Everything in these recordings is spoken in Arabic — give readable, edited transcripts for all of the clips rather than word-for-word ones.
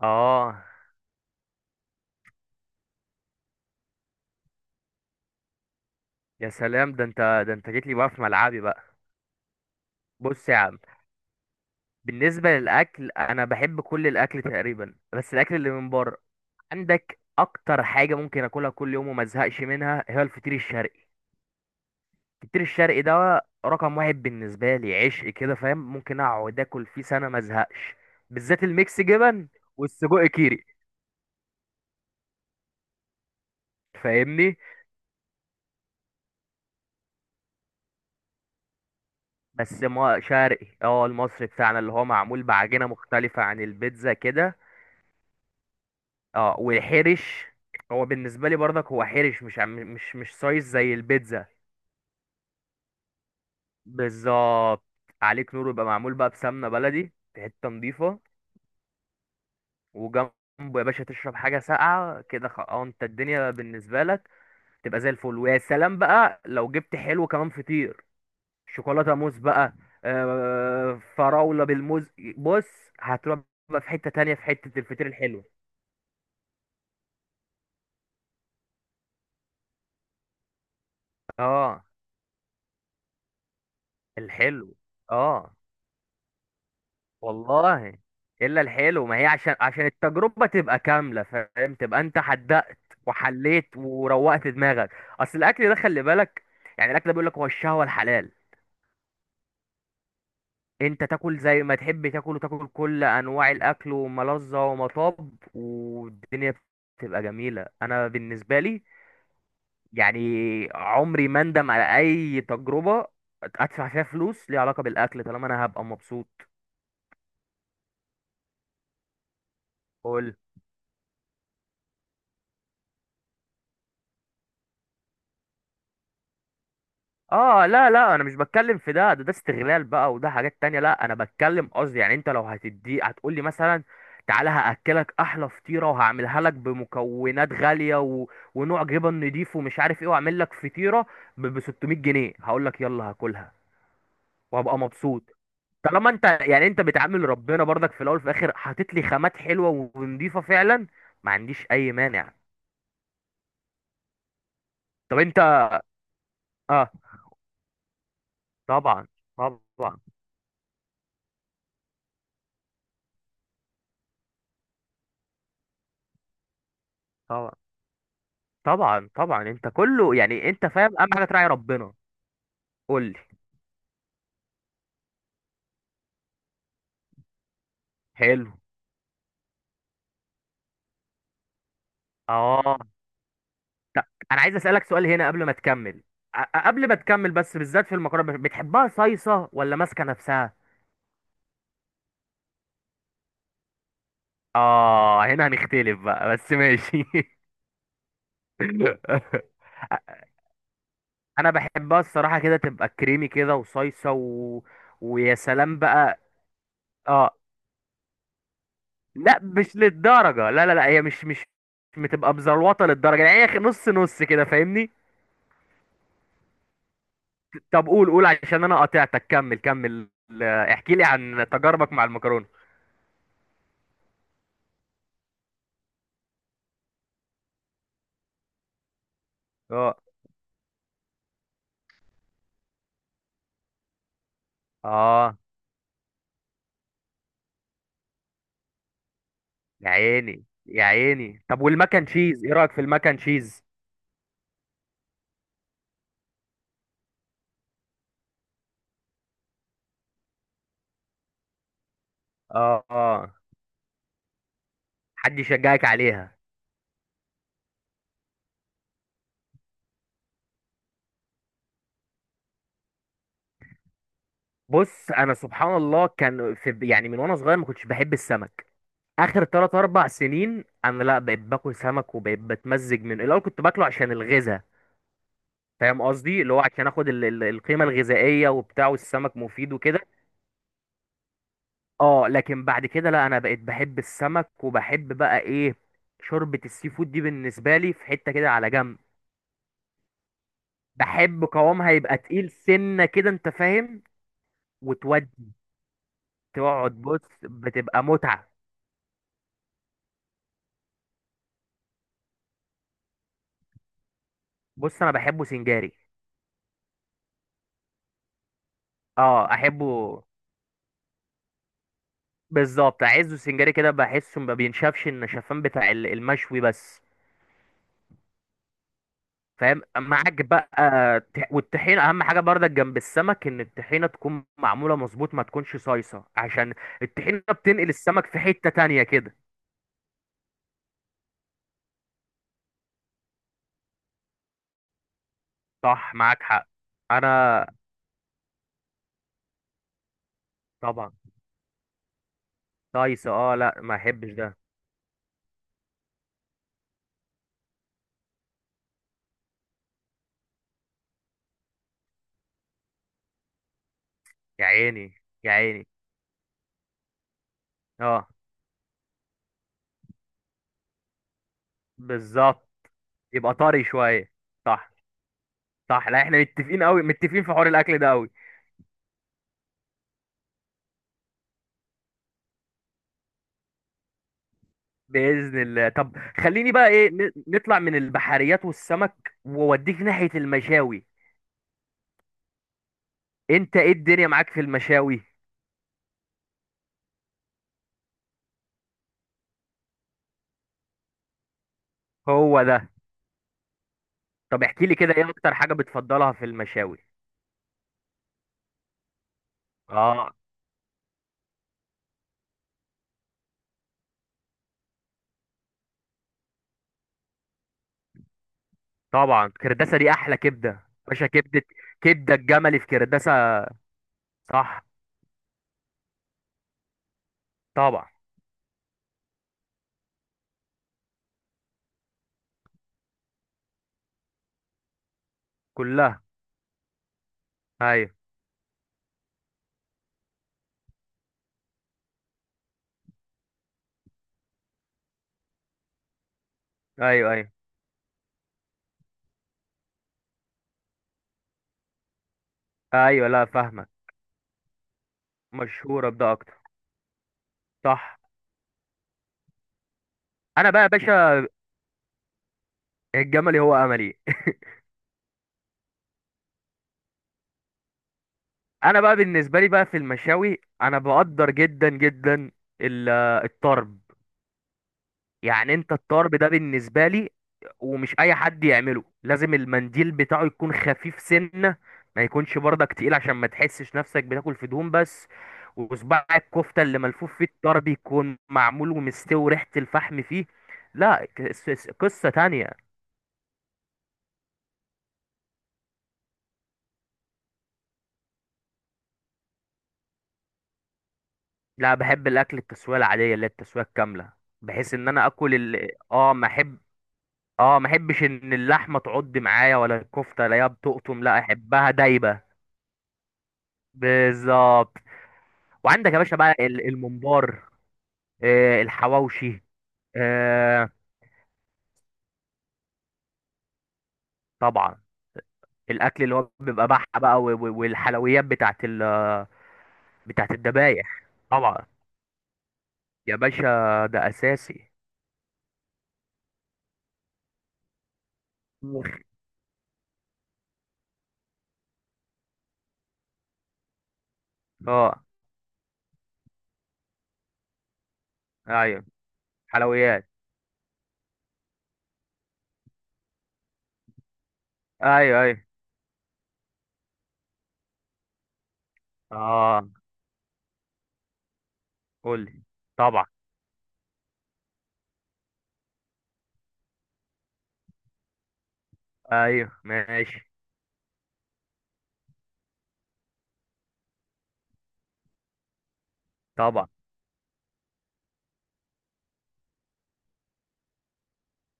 اه يا سلام، ده انت ده انت جيت لي بقى في ملعبي بقى. بص يا عم، بالنسبه للاكل انا بحب كل الاكل تقريبا، بس الاكل اللي من بره. عندك اكتر حاجه ممكن اكلها كل يوم وما ازهقش منها هي الفطير الشرقي. الفطير الشرقي ده رقم واحد بالنسبه لي، عشق كده فاهم، ممكن اقعد اكل فيه سنه ما ازهقش، بالذات الميكس جبن والسجق كيري. فاهمني. بس ما شرقي، المصري بتاعنا اللي هو معمول بعجينه مختلفه عن البيتزا كده. اه والحرش، هو بالنسبه لي برضك هو حرش، مش سايز زي البيتزا. بالظبط، عليك نور، يبقى معمول بقى بسمنه بلدي في حته نضيفه. وجنبه يا باشا تشرب حاجه ساقعه كده، انت الدنيا بالنسبه لك تبقى زي الفل، ويا سلام بقى لو جبت حلو كمان، فطير شوكولاته موز بقى، فراوله بالموز. بص هتروح بقى في حته تانية، في حته الفطير الحلو. اه الحلو. اه والله الا الحلو، ما هي عشان عشان التجربه تبقى كامله فاهم، تبقى انت حدقت وحليت وروقت دماغك. اصل الاكل ده خلي بالك، يعني الاكل ده بيقول لك هو الشهوه الحلال، انت تاكل زي ما تحب تاكل، وتاكل كل انواع الاكل، وملذه ومطاب، والدنيا بتبقى جميله. انا بالنسبه لي يعني عمري ما اندم على اي تجربه ادفع فيها فلوس ليها علاقه بالاكل، طالما انا هبقى مبسوط. اه لا لا، انا مش بتكلم في ده، ده استغلال بقى، وده حاجات تانية. لا انا بتكلم قصدي يعني انت لو هتدي هتقول لي مثلا، تعالى هاكلك احلى فطيره وهعملها لك بمكونات غاليه، و... ونوع جبن نضيف ومش عارف ايه، واعمل لك فطيره ب 600 جنيه، هقول لك يلا هاكلها وهبقى مبسوط. طالما انت يعني انت بتعامل ربنا برضك في الاول وفي الاخر، حاطط لي خامات حلوه ونضيفه فعلا، ما عنديش اي مانع. طب انت. اه طبعا طبعا. طبعا طبعا انت كله يعني، انت فاهم اهم حاجه تراعي ربنا. قول لي، حلو. اه انا عايز اسالك سؤال هنا قبل ما تكمل. قبل ما تكمل بس، بالذات في المكرونه، بتحبها صيصه ولا ماسكه نفسها؟ اه هنا هنختلف بقى، بس ماشي. انا بحبها الصراحه كده تبقى كريمي كده وصيصه. و... ويا سلام بقى. اه لا مش للدرجه، لا هي مش بتبقى مزلوطه للدرجه، يعني هي نص نص كده، فاهمني؟ طب قول عشان انا قاطعتك، كمل. احكي لي عن تجاربك مع المكرونه. اه اه يا عيني يا عيني، طب والمكن تشيز، ايه رايك في المكن تشيز؟ اه اه حد يشجعك عليها. بص انا سبحان الله كان في يعني، من وانا صغير ما كنتش بحب السمك. اخر 3 4 سنين انا لا بقيت باكل سمك، وبقيت بتمزج منه. الاول كنت باكله عشان الغذاء، فاهم قصدي، اللي هو عشان اخد القيمه الغذائيه وبتاع، والسمك مفيد وكده. اه لكن بعد كده لا، انا بقيت بحب السمك، وبحب بقى ايه، شوربة السي فود دي بالنسبة لي في حتة كده على جنب. بحب قوامها يبقى تقيل سنة كده انت فاهم، وتودي، تقعد بص بتبقى متعة. بص انا بحبه سنجاري. اه احبه. بالظبط، اعزه سنجاري كده، بحسه ما بينشفش النشفان بتاع المشوي بس. فاهم معاك بقى. والطحينه اهم حاجه برضك جنب السمك، ان الطحينه تكون معموله مظبوط، ما تكونش صايصه، عشان الطحينه بتنقل السمك في حته تانية كده. صح معاك حق. انا طبعا. صايصه، لا ما احبش ده. يا عيني يا عيني. اه بالظبط، يبقى طري شويه. صح صح، لا احنا متفقين قوي، متفقين في حوار الاكل ده قوي. باذن الله. طب خليني بقى ايه، نطلع من البحريات والسمك واوديك ناحيه المشاوي. انت ايه الدنيا معاك في المشاوي؟ هو ده. طب احكي لي كده ايه اكتر حاجه بتفضلها في المشاوي؟ اه طبعا كرداسه دي احلى كبده. باشا كبده، كبده الجملي في كرداسه. صح. طبعا. كلها. ايوه. ايوه ايوه ايوه لا فاهمك، مشهوره بده اكتر. صح. انا بقى يا باشا، الجملي هو املي. انا بقى بالنسبه لي بقى في المشاوي، انا بقدر جدا جدا ال- الطرب. يعني انت الطرب ده بالنسبة لي، ومش اي حد يعمله، لازم المنديل بتاعه يكون خفيف سنة، ما يكونش برضك تقيل، عشان ما تحسش نفسك بتاكل في دهون بس. وصباع الكفتة اللي ملفوف فيه الطرب يكون معمول ومستوي، ريحة الفحم فيه، لا قصة تانية. لا بحب الاكل التسوية العادية، اللي هي التسوية الكاملة، بحيث ان انا اكل ال... اه ما احب، اه ما احبش ان اللحمة تعض معايا، ولا الكفتة لا هي بتقطم، لا احبها دايبة. بالظبط. وعندك يا باشا بقى الممبار، الحواوشي، آه، طبعا الاكل اللي هو بيبقى بحة بقى والحلويات بتاعت ال، بتاعت الذبايح، طبعا يا باشا ده اساسي. مم. اه ايوه، حلويات. ايوه، اه قول لي. طبعا. ايوه ماشي. طبعا.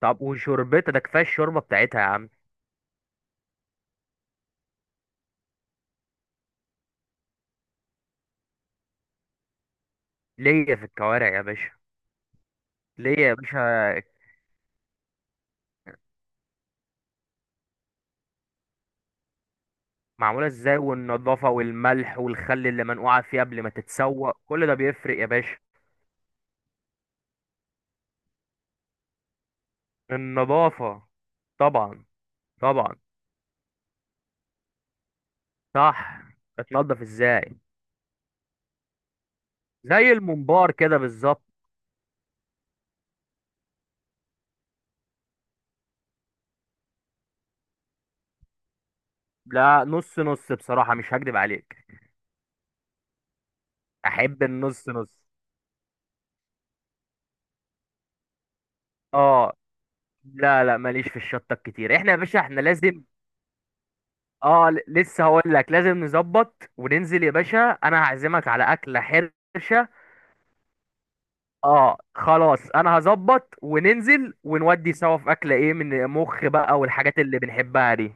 طب وشربتها ده، كفايه الشوربه بتاعتها يا عم. ليا في الكوارع يا باشا. ليا يا باشا. معمولة ازاي، والنظافة، والملح والخل اللي منقوعة فيه قبل ما تتسوق، كل ده بيفرق يا باشا. النظافة. طبعا طبعا. صح. بتنضف ازاي. زي الممبار كده بالظبط. لا نص نص بصراحة، مش هكدب عليك. احب النص نص. اه لا لا، ماليش في الشطة الكتير، احنا يا باشا احنا لازم. لسه هقول لك، لازم نظبط وننزل يا باشا، انا هعزمك على اكلة حرشة. اه خلاص، انا هظبط وننزل ونودي سوا في اكله ايه، من مخ بقى والحاجات اللي بنحبها دي.